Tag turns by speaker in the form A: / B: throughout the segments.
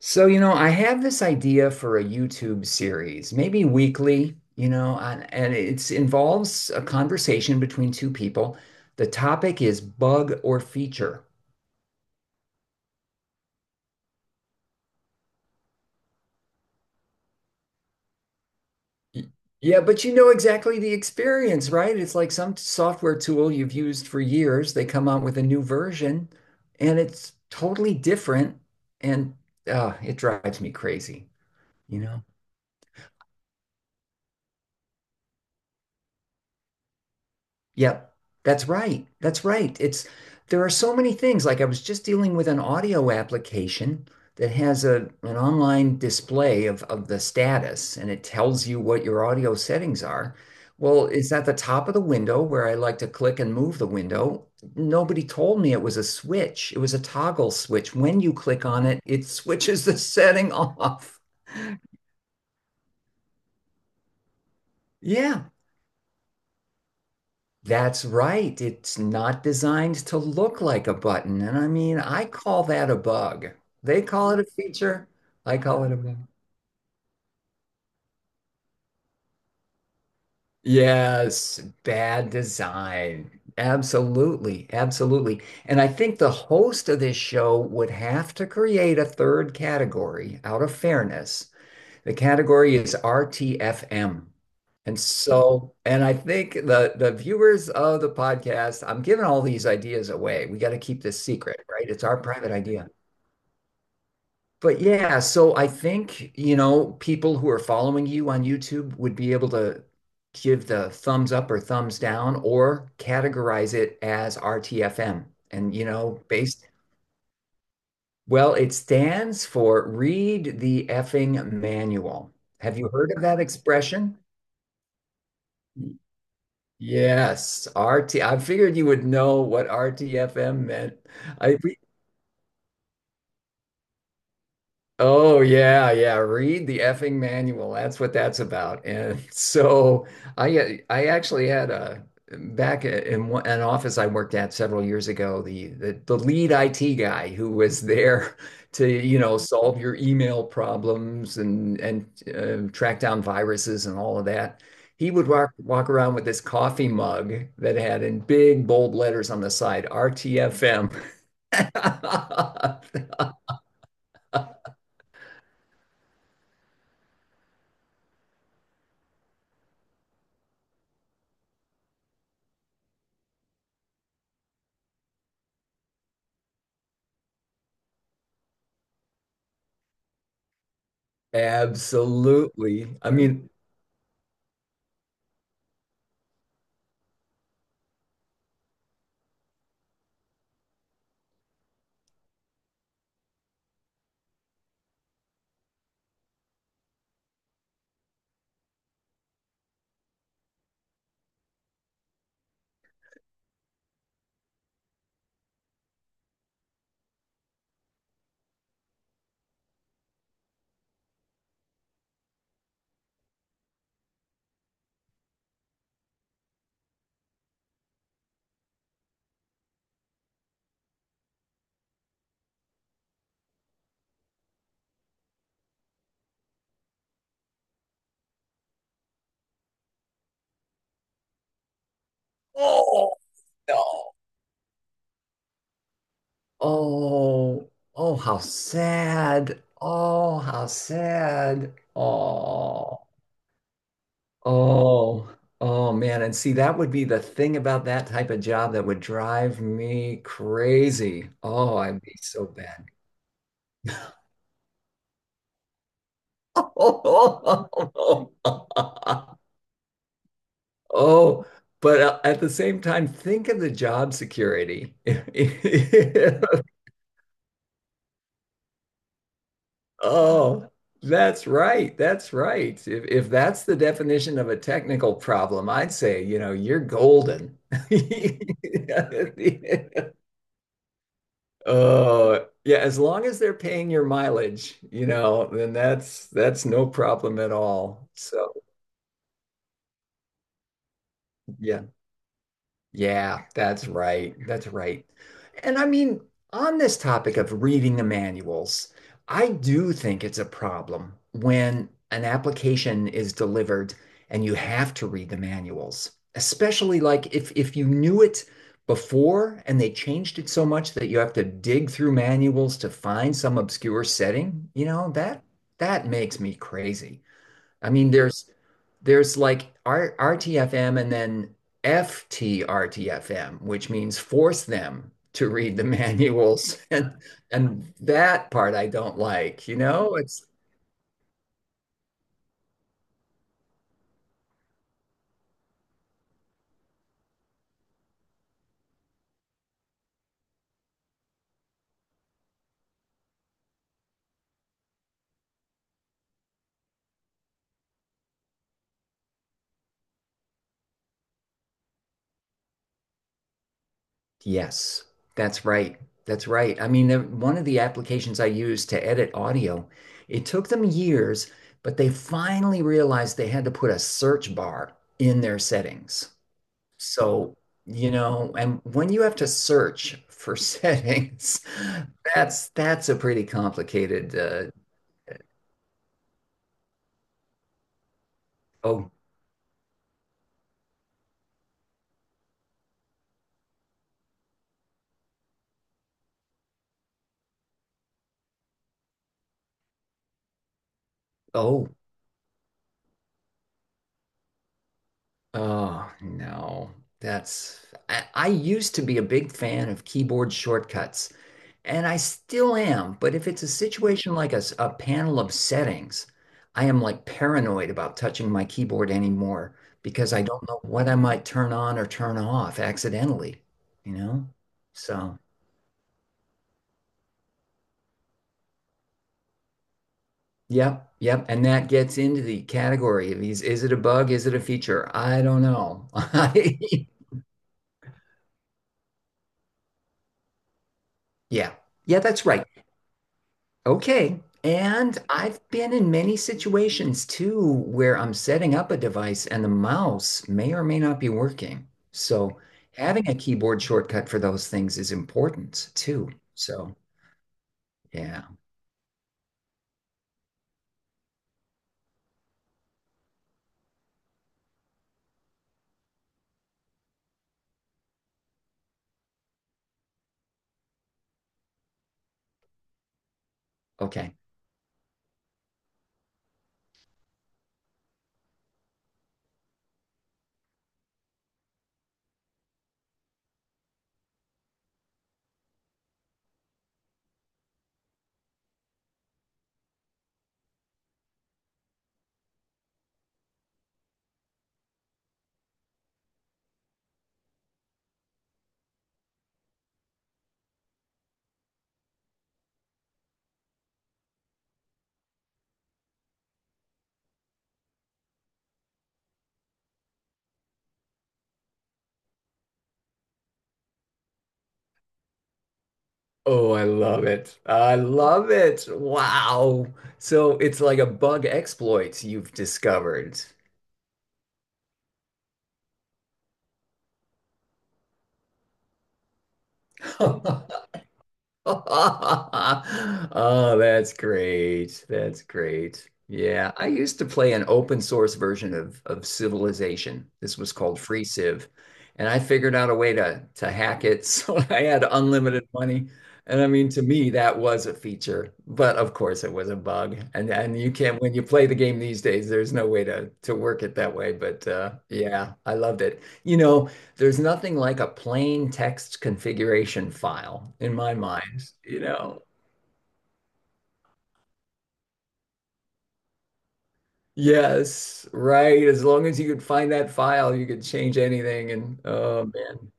A: I have this idea for a YouTube series, maybe weekly, and it involves a conversation between two people. The topic is bug or feature. Y- Yeah, but you know exactly the experience, right? It's like some software tool you've used for years. They come out with a new version and it's totally different and it drives me crazy, you know? Yep, that's right. That's right. It's There are so many things. Like I was just dealing with an audio application that has a an online display of the status, and it tells you what your audio settings are. Well, it's at the top of the window where I like to click and move the window. Nobody told me it was a switch. It was a toggle switch. When you click on it, it switches the setting off. Yeah. That's right. It's not designed to look like a button. And I mean, I call that a bug. They call it a feature. I call it a bug. Yes, bad design. Absolutely. Absolutely. And I think the host of this show would have to create a third category out of fairness. The category is RTFM. And I think the viewers of the podcast, I'm giving all these ideas away. We got to keep this secret, right? It's our private idea. But yeah, so I think, you know, people who are following you on YouTube would be able to give the thumbs up or thumbs down or categorize it as RTFM. And, you know, based, Well, it stands for Read the Effing Manual. Have you heard of that expression? Yes, RT. I figured you would know what RTFM meant. I we Oh yeah, yeah. Read the effing manual. That's what that's about. And so I actually had a an office I worked at several years ago, the lead IT guy who was there to, you know, solve your email problems and and track down viruses and all of that. He would walk around with this coffee mug that had in big bold letters on the side, RTFM. Absolutely. I mean, oh no. Oh, oh, how sad. Oh, how sad. Oh, oh, oh man. And see, that would be the thing about that type of job that would drive me crazy. Oh, I'd be so bad. Oh, but at the same time, think of the job security. Oh, that's right. That's right. If that's the definition of a technical problem, I'd say, you know, you're golden. Oh, yeah, as long as they're paying your mileage, you know, then that's no problem at all. So, yeah. Yeah, that's right. That's right. And I mean, on this topic of reading the manuals, I do think it's a problem when an application is delivered and you have to read the manuals, especially like if you knew it before and they changed it so much that you have to dig through manuals to find some obscure setting, you know, that makes me crazy. I mean, there's like R RTFM and then FTRTFM, which means force them to read the manuals. And that part I don't like, you know? It's Yes, that's right. That's right. I mean, one of the applications I used to edit audio, it took them years, but they finally realized they had to put a search bar in their settings. So, you know, and when you have to search for settings, that's a pretty complicated oh, oh, oh no. That's I used to be a big fan of keyboard shortcuts, and I still am, but if it's a situation like a panel of settings, I am like paranoid about touching my keyboard anymore because I don't know what I might turn on or turn off accidentally, you know? So yep, yep. And that gets into the category of is it a bug? Is it a feature? I don't know. Yeah. Yeah, that's right. Okay. And I've been in many situations too where I'm setting up a device and the mouse may or may not be working. So having a keyboard shortcut for those things is important too. So, yeah. Okay. Oh, I love it. I love it. Wow. So it's like a bug exploit you've discovered. Oh, that's great. That's great. Yeah, I used to play an open source version of Civilization. This was called Free Civ, and I figured out a way to hack it so I had unlimited money. And I mean, to me, that was a feature, but of course, it was a bug. And you can't when you play the game these days, there's no way to work it that way. But yeah, I loved it. You know. There's nothing like a plain text configuration file in my mind, you know. Yes, right. As long as you could find that file, you could change anything. And oh man,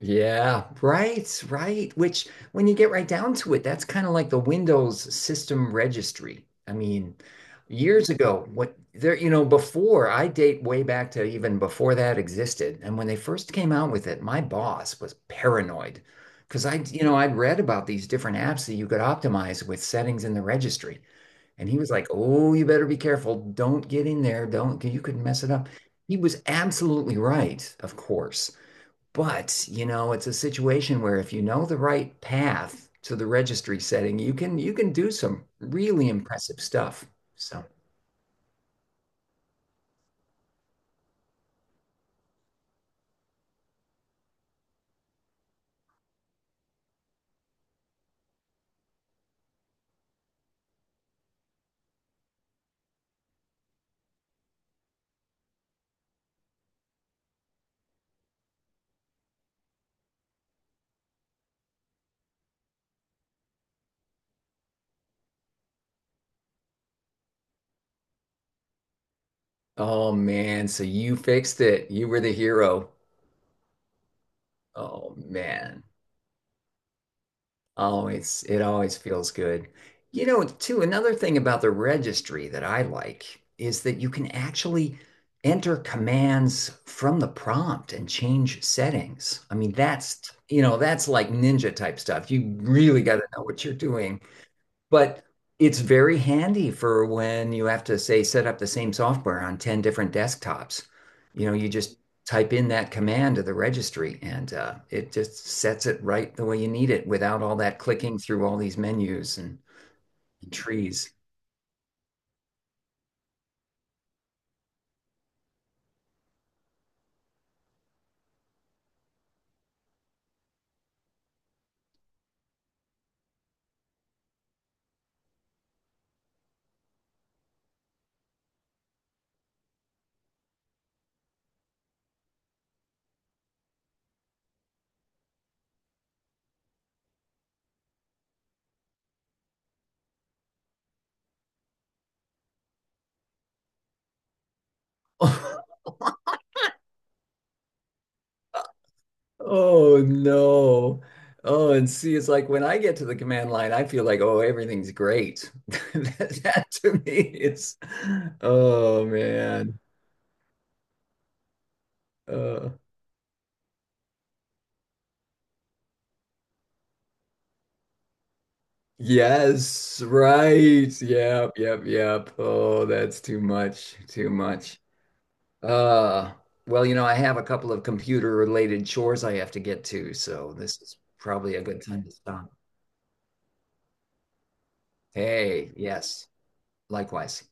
A: yeah, right, right. Which, when you get right down to it, that's kind of like the Windows system registry. I mean, years ago, you know, before I date way back to even before that existed. And when they first came out with it, my boss was paranoid because you know, I'd read about these different apps that you could optimize with settings in the registry. And he was like, "Oh, you better be careful. Don't get in there. Don't, 'cause you could mess it up." He was absolutely right, of course. But, you know, it's a situation where if you know the right path to the registry setting, you can do some really impressive stuff. So, oh man, so you fixed it. You were the hero. Oh man. Always, it always feels good. You know, too, another thing about the registry that I like is that you can actually enter commands from the prompt and change settings. I mean, that's, you know, that's like ninja type stuff. You really got to know what you're doing. But it's very handy for when you have to, say, set up the same software on 10 different desktops. You know, you just type in that command to the registry and it just sets it right the way you need it without all that clicking through all these menus and trees. Oh no. Oh, and see, it's like when I get to the command line, I feel like, oh, everything's great. That, that to me, it's, oh man. Uh, Yes, right. Yep, yep, yep. Oh, that's too much. Too much. Uh, well, you know, I have a couple of computer related chores I have to get to, so this is probably a good time to stop. Hey, yes, likewise.